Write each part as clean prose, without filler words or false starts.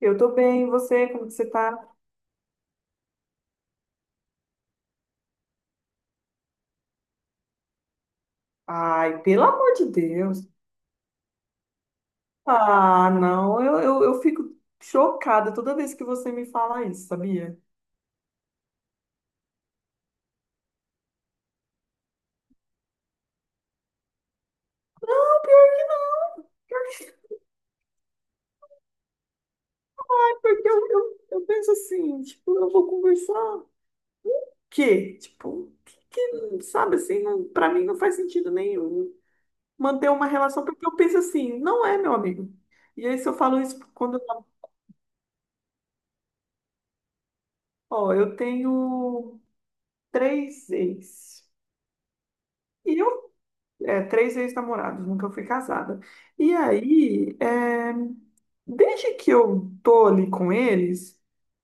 Eu tô bem, e você? Como que você tá? Ai, pelo amor de Deus. Ah, não, eu fico chocada toda vez que você me fala isso, sabia? É porque eu penso assim, tipo, eu vou conversar. Que Tipo, sabe assim, não, pra mim não faz sentido nenhum manter uma relação, porque eu penso assim, não é, meu amigo. E aí, se eu falo isso quando eu. Ó, eu tenho três ex. e eu Três ex-namorados, nunca fui casada. E aí, é, desde que eu tô ali com eles,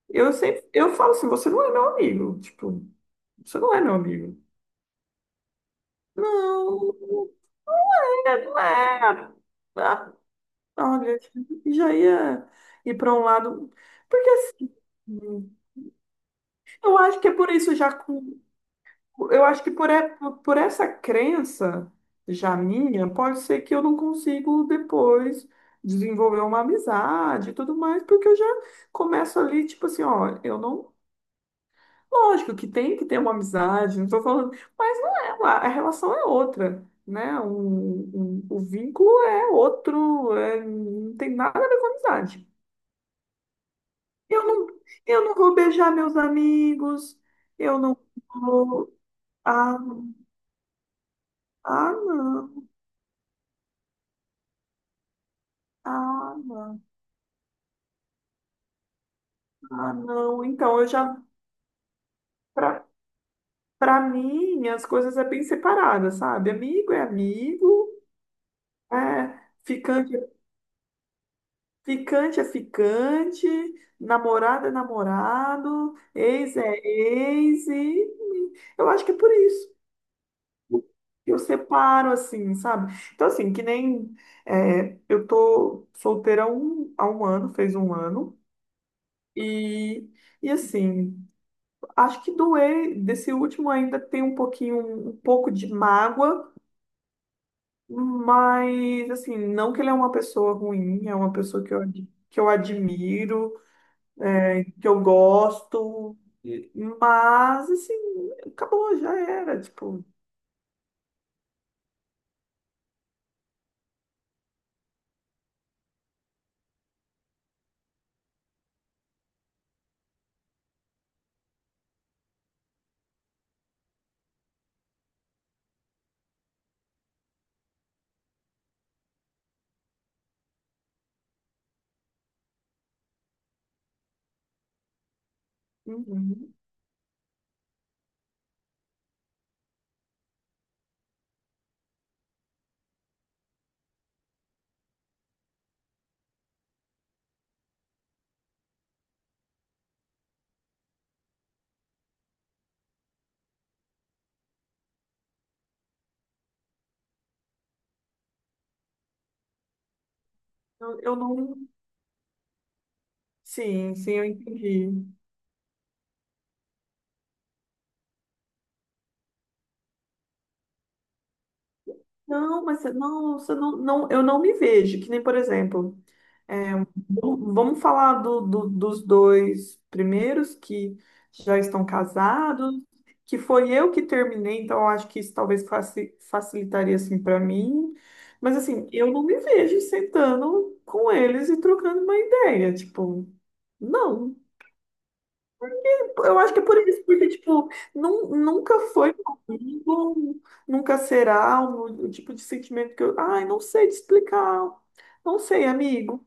eu falo assim, você não é meu amigo, tipo, você não é meu amigo. Não, é, não é. Ah, olha, já ia ir para um lado, porque assim, eu acho que é por isso já. Eu acho que por essa crença já minha, pode ser que eu não consigo depois desenvolver uma amizade e tudo mais, porque eu já começo ali, tipo assim, ó, eu não. Lógico que tem que ter uma amizade, não tô falando, mas não é, a relação é outra, né? O vínculo é outro, não tem nada a ver com amizade. Eu não, eu não vou beijar meus amigos, eu não vou. Ah, ah, não. Ah, não. Ah, não. Então, eu já, pra, pra mim, as coisas é bem separadas, sabe? Amigo é amigo, é, ficante, é- ficante é ficante, namorado é namorado, ex é ex, e eu acho que é por isso. que Eu separo, assim, sabe? Então, assim, que nem é, eu tô solteira há um ano, fez um ano, e, e assim. Acho que desse último ainda tem um pouco de mágoa, mas assim, não que ele é uma pessoa ruim, é uma pessoa que que eu admiro, que eu gosto, e- mas assim, acabou, já era, tipo, uhum. Eu não. Sim, sim, eu entendi. Não, mas não, você não, não, eu não me vejo, que nem, por exemplo. É, bom, vamos falar dos dois primeiros que já estão casados, que foi eu que terminei, então eu acho que isso talvez facilitaria assim para mim. Mas assim, eu não me vejo sentando com eles e trocando uma ideia, tipo, não. Eu acho que é por isso, porque tipo, nunca foi comigo, nunca será o tipo de sentimento que eu, ai, não sei te explicar, não sei, amigo.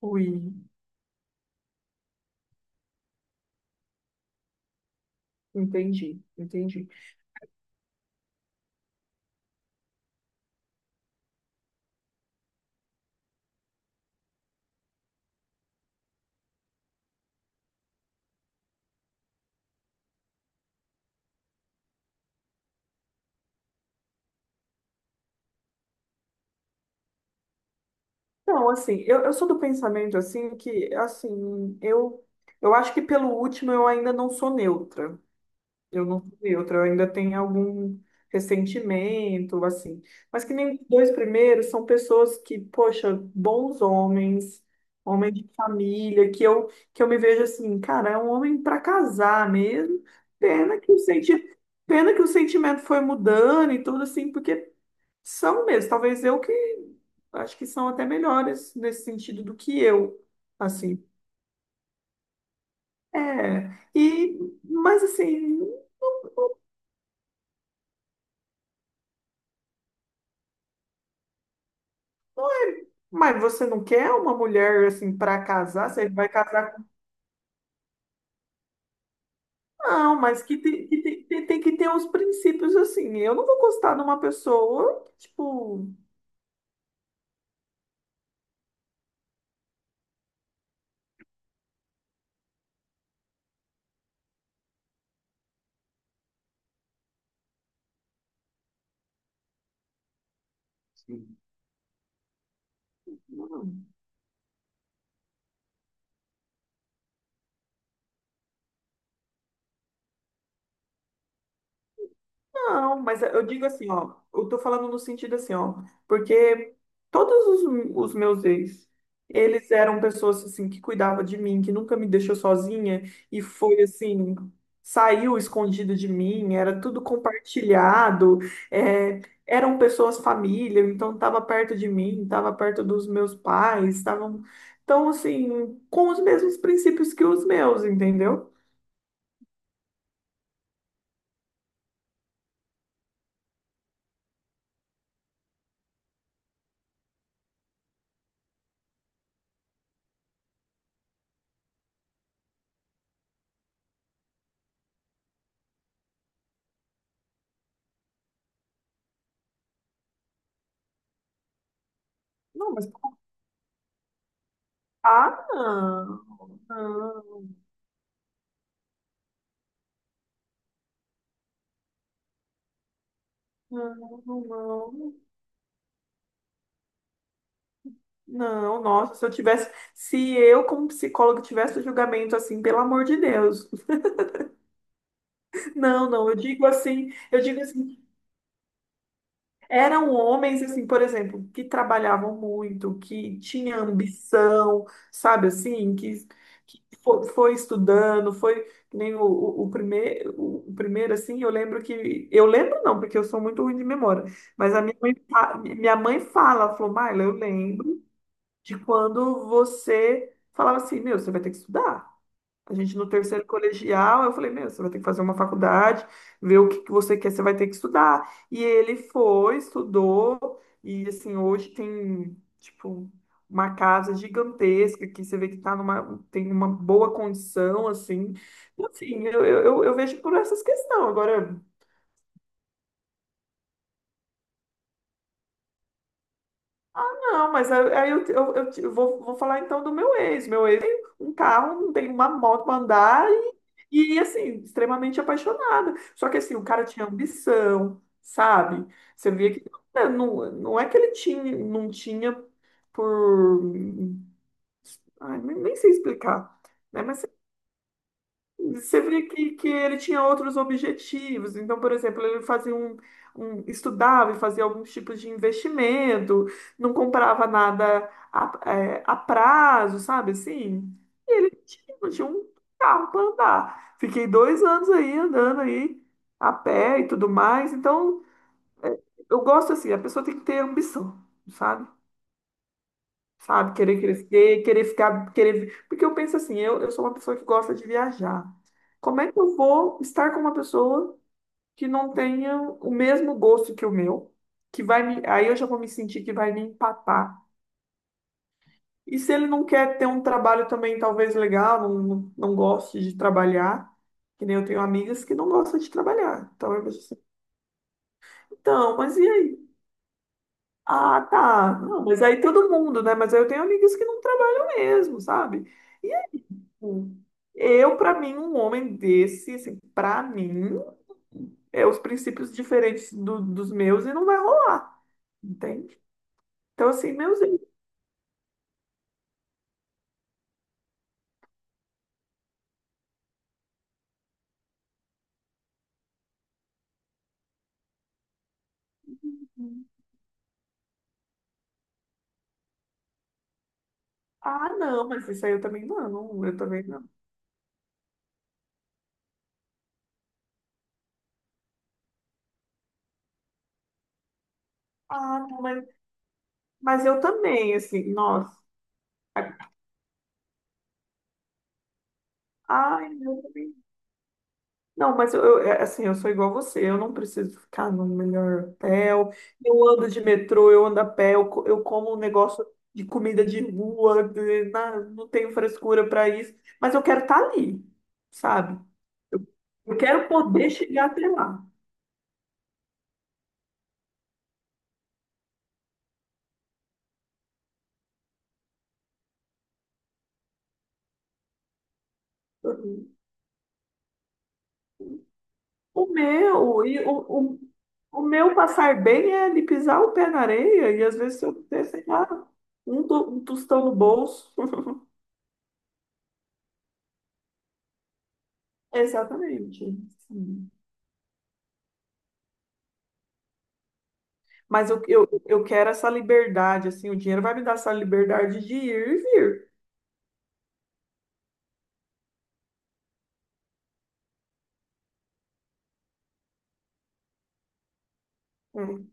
Ui. Entendi, entendi. Não, assim, eu sou do pensamento, assim, que, assim, eu acho que pelo último eu ainda não sou neutra. Eu não sou neutra, eu ainda tenho algum ressentimento, assim. Mas que nem os dois primeiros são pessoas que, poxa, bons homens, homem de família, que eu me vejo assim, cara, é um homem para casar mesmo. Pena que o senti... Pena que o sentimento foi mudando e tudo assim, porque são mesmo, talvez eu que acho que são até melhores nesse sentido do que eu, assim. É, e mas assim, mas você não quer uma mulher assim para casar, você vai casar com... Não, mas que tem que ter uns princípios assim. Eu não vou gostar de uma pessoa, tipo, sim. Não. Não, mas eu digo assim, ó, eu tô falando no sentido assim, ó, porque todos os meus ex, eles eram pessoas assim que cuidavam de mim, que nunca me deixou sozinha e foi assim, saiu escondido de mim, era tudo compartilhado, é, eram pessoas família, então tava perto de mim, tava perto dos meus pais, estavam, então assim, com os mesmos princípios que os meus, entendeu? Não, mas ah, não, não. Não, não, não, nossa, se eu como psicóloga tivesse julgamento assim, pelo amor de Deus. Não, não, eu digo assim, eram homens assim, por exemplo, que trabalhavam muito, que tinha ambição, sabe assim, foi, estudando, foi que nem o, o primeiro assim, eu lembro não, porque eu sou muito ruim de memória, mas a minha mãe, fa- minha mãe fala, ela falou, Maila, eu lembro de quando você falava assim, meu, você vai ter que estudar. A gente no terceiro colegial, eu falei, meu, você vai ter que fazer uma faculdade, ver o que que você quer, você vai ter que estudar. E ele foi, estudou, e assim, hoje tem, tipo, uma casa gigantesca que você vê que tá numa, tem uma boa condição, assim. Enfim, eu vejo por essas questões. Agora, não, mas aí eu te- eu vou, vou falar então do meu ex. Meu ex tem um carro, não tem uma moto para andar e, assim, extremamente apaixonada. Só que, assim, o cara tinha ambição, sabe? Você via que né, não, não é que ele tinha, não tinha por. Ai, nem sei explicar, né? Mas você vê que ele tinha outros objetivos. Então, por exemplo, ele fazia estudava e fazia alguns tipos de investimento, não comprava nada a prazo, sabe assim? E ele tinha um carro para andar. Fiquei 2 anos aí andando aí a pé e tudo mais. Então, é, eu gosto assim, a pessoa tem que ter ambição, sabe? Querer crescer, querer ficar, querer. Porque eu penso assim, eu sou uma pessoa que gosta de viajar. Como é que eu vou estar com uma pessoa que não tenha o mesmo gosto que o meu? Que vai me... Aí eu já vou me sentir que vai me empatar. E se ele não quer ter um trabalho também, talvez legal, não goste de trabalhar, que nem eu tenho amigas que não gostam de trabalhar. Então eu penso assim, então, mas e aí? Ah, tá. Não, mas aí todo mundo, né? Mas aí eu tenho amigas que não trabalham mesmo, sabe? Sim. Eu, pra mim, um homem desse, assim, para mim, é os princípios diferentes dos meus e não vai rolar, entende? Então, assim, meus ah, não, mas isso aí eu também não, eu também não. Ah, não, mas eu também, assim, nossa. Ai, eu também não, mas é, assim, eu sou igual a você, eu não preciso ficar no melhor hotel, eu ando de metrô, eu ando a pé, eu como um negócio de comida de rua, não tenho frescura para isso, mas eu quero estar ali, sabe? Eu quero poder chegar até lá. Uhum. O meu, e o, O meu passar bem é ali pisar o pé na areia e às vezes eu ter, sei lá, um tostão no bolso. Exatamente. Mas eu quero essa liberdade, assim, o dinheiro vai me dar essa liberdade de ir e vir. Hum,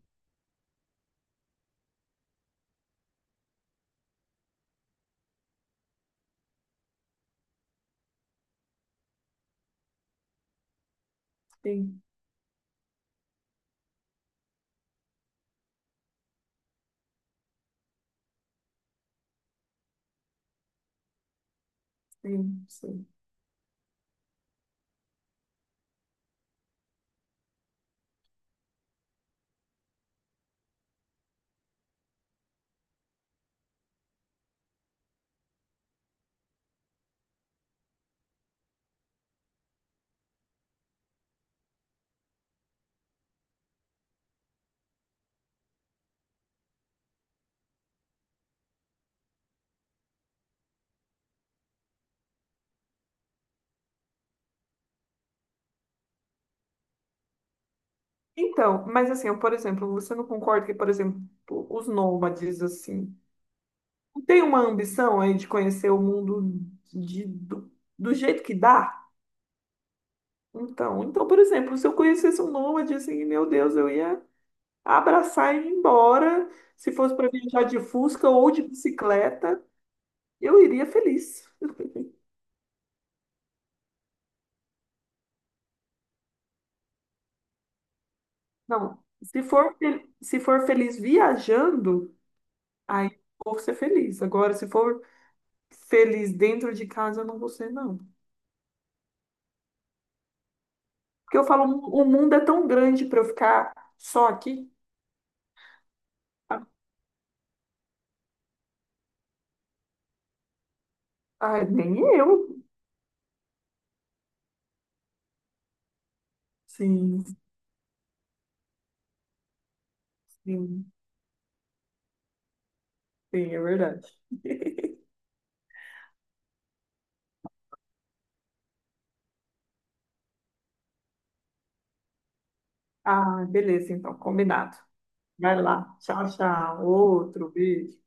sim, sim, sim. Então, mas assim, eu, por exemplo, você não concorda que, por exemplo, os nômades, assim, não tem uma ambição aí de conhecer o mundo de, do, do jeito que dá? Então, então, por exemplo, se eu conhecesse um nômade, assim, meu Deus, eu ia abraçar e ir embora. Se fosse para viajar de Fusca ou de bicicleta, eu iria feliz. Não, se for feliz viajando, aí eu vou ser feliz. Agora, se for feliz dentro de casa, eu não vou ser, não. Porque eu falo, o mundo é tão grande para eu ficar só aqui. Ah, ah, nem eu. Sim, sim, sim, é verdade. Ah, beleza, então, combinado. Vai lá. Tchau, tchau. Outro beijo.